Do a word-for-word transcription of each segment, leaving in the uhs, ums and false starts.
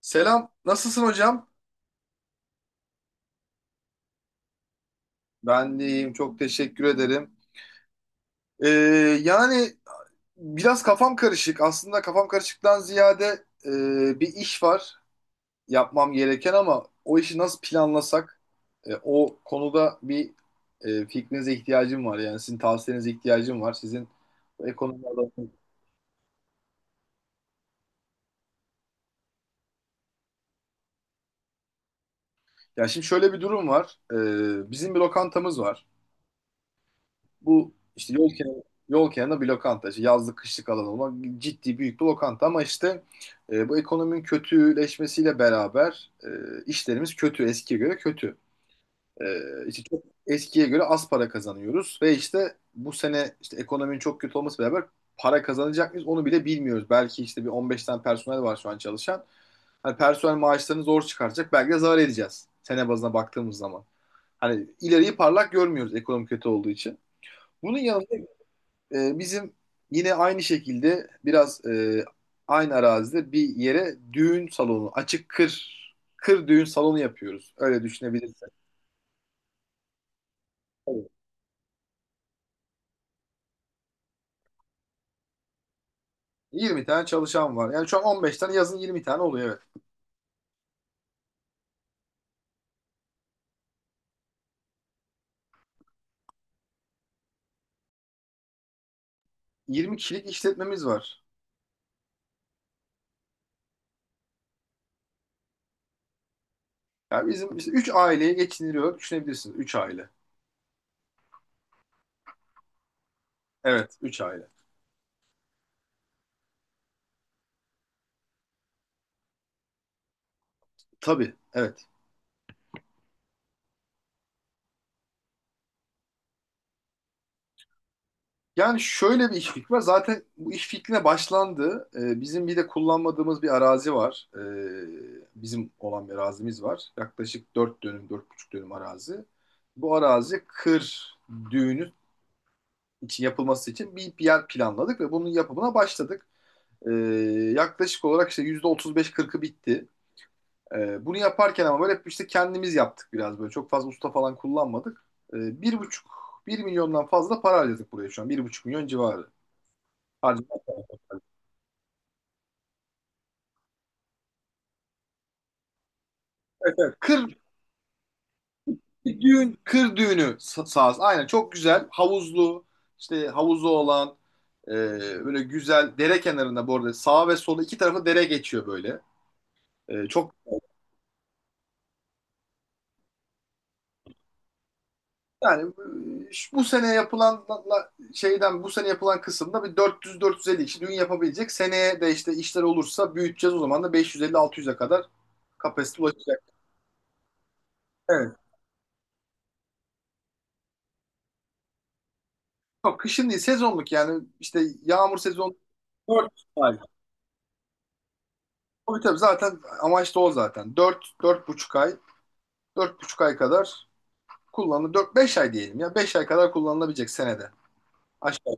Selam, nasılsın hocam? Ben de iyiyim, çok teşekkür ederim. Ee, Yani biraz kafam karışık. Aslında kafam karışıktan ziyade e, bir iş var yapmam gereken ama o işi nasıl planlasak, e, o konuda bir e, fikrinize ihtiyacım var. Yani sizin tavsiyenize ihtiyacım var. Sizin bu ekonomide... Ya şimdi şöyle bir durum var. Ee, bizim bir lokantamız var. Bu işte yol kenarı, yol kenarında bir lokanta. İşte yazlık kışlık alan olmak ciddi büyük bir lokanta ama işte e, bu ekonominin kötüleşmesiyle beraber e, işlerimiz kötü. Eskiye göre kötü. E, işte çok eskiye göre az para kazanıyoruz ve işte bu sene işte ekonominin çok kötü olması beraber para kazanacak mıyız onu bile bilmiyoruz. Belki işte bir on beş tane personel var şu an çalışan. Hani personel maaşlarını zor çıkartacak. Belki de zarar edeceğiz. Sene bazına baktığımız zaman. Hani ileriyi parlak görmüyoruz ekonomi kötü olduğu için. Bunun yanında e, bizim yine aynı şekilde biraz e, aynı arazide bir yere düğün salonu, açık kır, kır düğün salonu yapıyoruz. Öyle düşünebilirsin. Evet. yirmi tane çalışan var. Yani şu an on beş tane yazın yirmi tane oluyor, evet. Yirmi kişilik işletmemiz var. Yani bizim işte üç aileye geçiniliyor düşünebilirsiniz. Üç aile. Evet, üç aile. Tabii, evet. Yani şöyle bir iş fikri var. Zaten bu iş fikrine başlandı. Ee, bizim bir de kullanmadığımız bir arazi var. Ee, bizim olan bir arazimiz var. Yaklaşık dört dönüm, dört buçuk dönüm arazi. Bu arazi kır düğünü için yapılması için bir yer planladık ve bunun yapımına başladık. Ee, Yaklaşık olarak işte yüzde otuz beş, kırkı bitti. Ee, bunu yaparken ama böyle hep işte kendimiz yaptık biraz böyle. Çok fazla usta falan kullanmadık. Ee, bir buçuk, bir milyondan fazla para harcadık buraya şu an. Bir buçuk milyon civarı. Harcadık. Kır düğün, kır düğünü sa- sahası. Aynen, çok güzel. Havuzlu, işte havuzu olan e, böyle güzel dere kenarında, bu arada sağa ve sola iki tarafı dere geçiyor böyle. E, çok yani, e, şu- bu sene yapılan şeyden bu sene yapılan kısımda bir dört yüz, dört yüz elli kişi düğün yapabilecek. Seneye de işte işler olursa büyüteceğiz, o zaman da beş yüz elli, altı yüze kadar kapasite ulaşacak. Evet. Yok, kışın değil, sezonluk, yani işte yağmur sezonu dört ay. Tabii tabii, zaten amaç da o zaten. Dört, dört buçuk ay, dört buçuk ay kadar kullanılır. dört beş ay diyelim ya. Beş ay kadar kullanılabilecek senede. Aşağı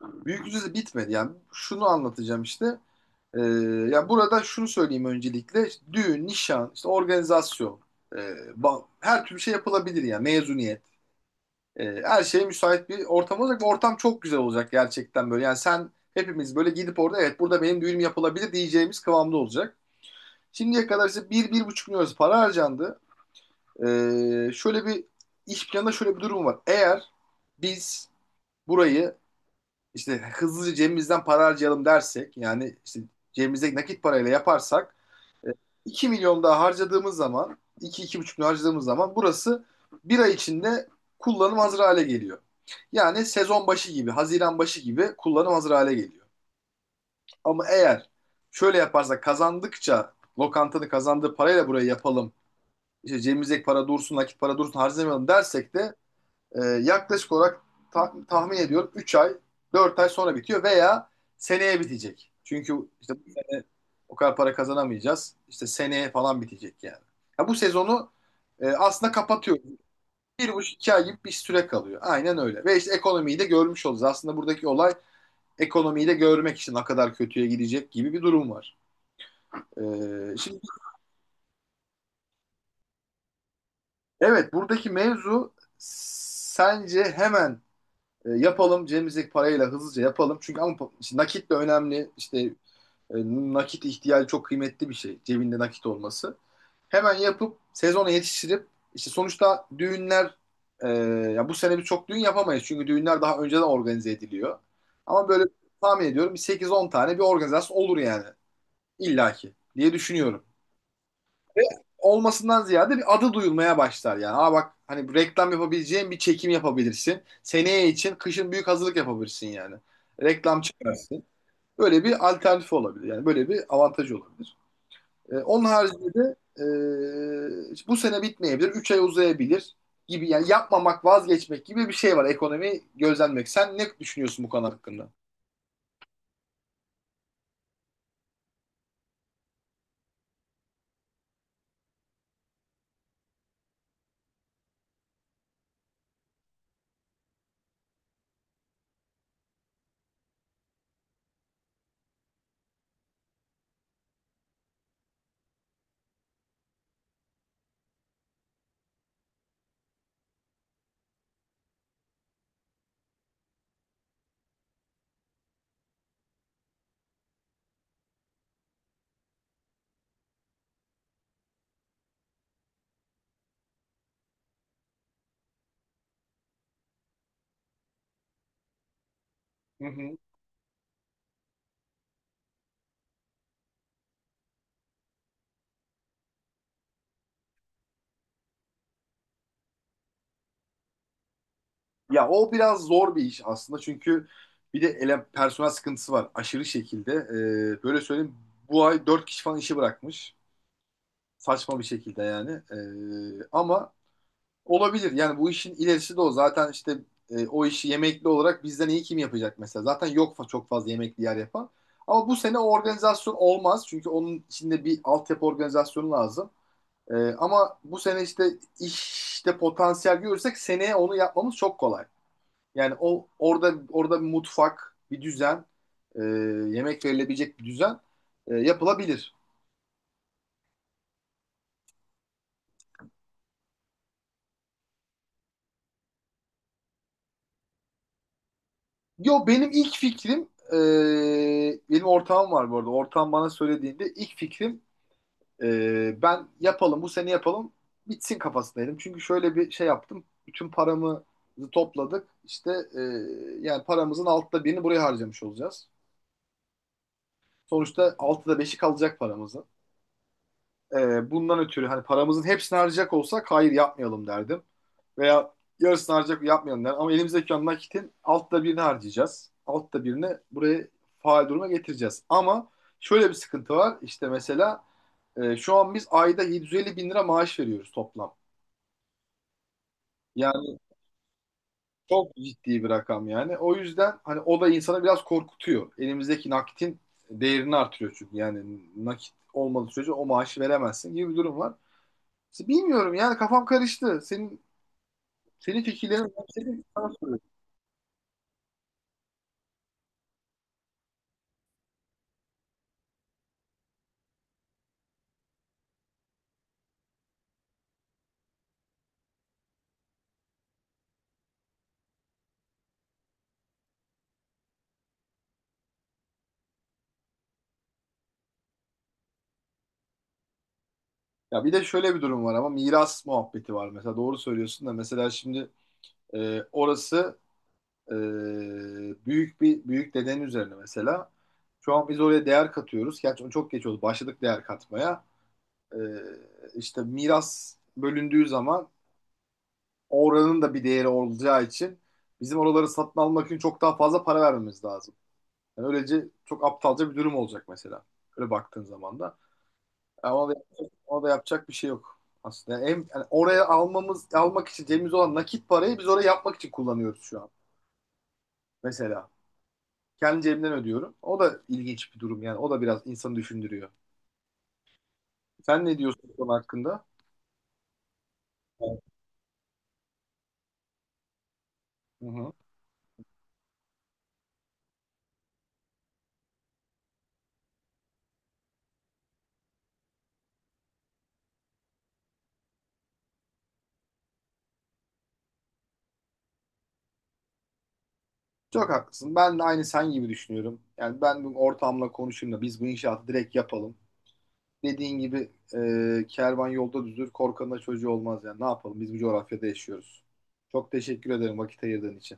yukarı. Büyük yüzde bitmedi yani. Şunu anlatacağım işte. Ee, Ya burada şunu söyleyeyim öncelikle. İşte düğün, nişan, işte organizasyon, e, ba- her türlü şey yapılabilir yani. Mezuniyet. E, her şeye müsait bir ortam olacak ve ortam çok güzel olacak gerçekten böyle. Yani sen hepimiz böyle gidip orada evet burada benim düğünüm yapılabilir diyeceğimiz kıvamda olacak. Şimdiye kadar işte bir, bir buçuk milyon para harcandı. Ee, şöyle bir iş planında şöyle bir durum var. Eğer biz burayı işte hızlıca cebimizden para harcayalım dersek, yani işte cebimizdeki nakit parayla yaparsak e, iki milyon daha harcadığımız zaman, iki iki buçuk milyon harcadığımız zaman burası bir ay içinde kullanım hazır hale geliyor. Yani sezon başı gibi, Haziran başı gibi kullanım hazır hale geliyor. Ama eğer şöyle yaparsak kazandıkça lokantanın kazandığı parayla burayı yapalım, işte cebimizdeki para dursun, nakit para dursun harcamayalım dersek de e, yaklaşık olarak ta- tahmin ediyorum üç ay, dört ay sonra bitiyor veya seneye bitecek. Çünkü işte bu sene o kadar para kazanamayacağız. İşte seneye falan bitecek yani. Ya bu sezonu e, aslında kapatıyoruz. Bir buçuk iki ay gibi bir süre kalıyor. Aynen öyle. Ve işte ekonomiyi de görmüş oluruz. Aslında buradaki olay ekonomiyi de görmek için ne kadar kötüye gidecek gibi bir durum var. E, Şimdi evet, buradaki mevzu sence hemen E, yapalım, cebimizdeki parayla hızlıca yapalım. Çünkü ama işte nakit de önemli. İşte e, nakit ihtiyacı çok kıymetli bir şey. Cebinde nakit olması. Hemen yapıp sezona yetiştirip işte sonuçta düğünler e, ya bu sene biz çok düğün yapamayız. Çünkü düğünler daha önceden organize ediliyor. Ama böyle tahmin ediyorum bir sekiz on tane bir organizasyon olur yani. İllaki diye düşünüyorum olmasından ziyade bir adı duyulmaya başlar yani. Aa bak, hani reklam yapabileceğin bir çekim yapabilirsin. Seneye için kışın büyük hazırlık yapabilirsin yani. Reklam çıkarsın. Böyle bir alternatif olabilir. Yani böyle bir avantajı olabilir. Ee, onun haricinde de e, bu sene bitmeyebilir. Üç ay uzayabilir gibi yani, yapmamak, vazgeçmek gibi bir şey var, ekonomi gözlenmek. Sen ne düşünüyorsun bu konu hakkında? Hı hı. Ya o biraz zor bir iş aslında çünkü bir de ele, personel sıkıntısı var aşırı şekilde. Ee, böyle söyleyeyim, bu ay dört kişi falan işi bırakmış. Saçma bir şekilde yani. Ee, ama olabilir yani, bu işin ilerisi de o. Zaten işte e, o işi yemekli olarak bizden iyi kim yapacak mesela. Zaten yok fa- çok fazla yemekli yer yapan. Ama bu sene o organizasyon olmaz. Çünkü onun içinde bir altyapı organizasyonu lazım. Ee, ama bu sene işte işte potansiyel görürsek seneye onu yapmamız çok kolay. Yani o orada orada bir mutfak, bir düzen, e, yemek verilebilecek bir düzen e, yapılabilir. Yo, benim ilk fikrim, e, benim ortağım var bu arada. Ortağım bana söylediğinde ilk fikrim e, ben yapalım bu sene yapalım bitsin kafasındaydım. Çünkü şöyle bir şey yaptım. Bütün paramızı topladık. İşte e, yani paramızın altta birini buraya harcamış olacağız. Sonuçta altıda beşi kalacak paramızın. Ee, bundan ötürü hani paramızın hepsini harcayacak olsak hayır yapmayalım derdim. Veya yarısını harcayacak yapmayalım derdim. Ama elimizdeki olan nakitin altta birini harcayacağız. Altta birini buraya faal duruma getireceğiz. Ama şöyle bir sıkıntı var. İşte mesela e, şu an biz ayda yedi yüz elli bin lira maaş veriyoruz toplam. Yani çok ciddi bir rakam yani. O yüzden hani o da insanı biraz korkutuyor. Elimizdeki nakitin değerini artırıyor çünkü. Yani nakit olmadığı sürece o maaşı veremezsin gibi bir durum var. Bilmiyorum yani, kafam karıştı. Senin senin fikirlerin, ben senin sana soruyorum. Ya bir de şöyle bir durum var ama, miras muhabbeti var mesela, doğru söylüyorsun da mesela şimdi e, orası e, büyük bir büyük dedenin üzerine mesela. Şu an biz oraya değer katıyoruz. Gerçi çok geç oldu. Başladık değer katmaya. E, işte miras bölündüğü zaman oranın da bir değeri olacağı için bizim oraları satın almak için çok daha fazla para vermemiz lazım. Yani öylece çok aptalca bir durum olacak mesela. Öyle baktığın zaman da. Ama da, ama da yapacak bir şey yok aslında. Yani en, yani oraya almamız almak için cebimizde olan nakit parayı biz oraya yapmak için kullanıyoruz şu an. Mesela kendi cebimden ödüyorum. O da ilginç bir durum yani. O da biraz insanı düşündürüyor. Sen ne diyorsun bu konu hakkında? Evet. Hı hı. Çok haklısın. Ben de aynı sen gibi düşünüyorum. Yani ben bu ortamla konuşayım da biz bu inşaatı direkt yapalım. Dediğin gibi e, kervan yolda düzülür, korkanın da çocuğu olmaz yani. Ne yapalım? Biz bu coğrafyada yaşıyoruz. Çok teşekkür ederim vakit ayırdığın için.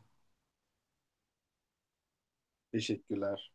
Teşekkürler.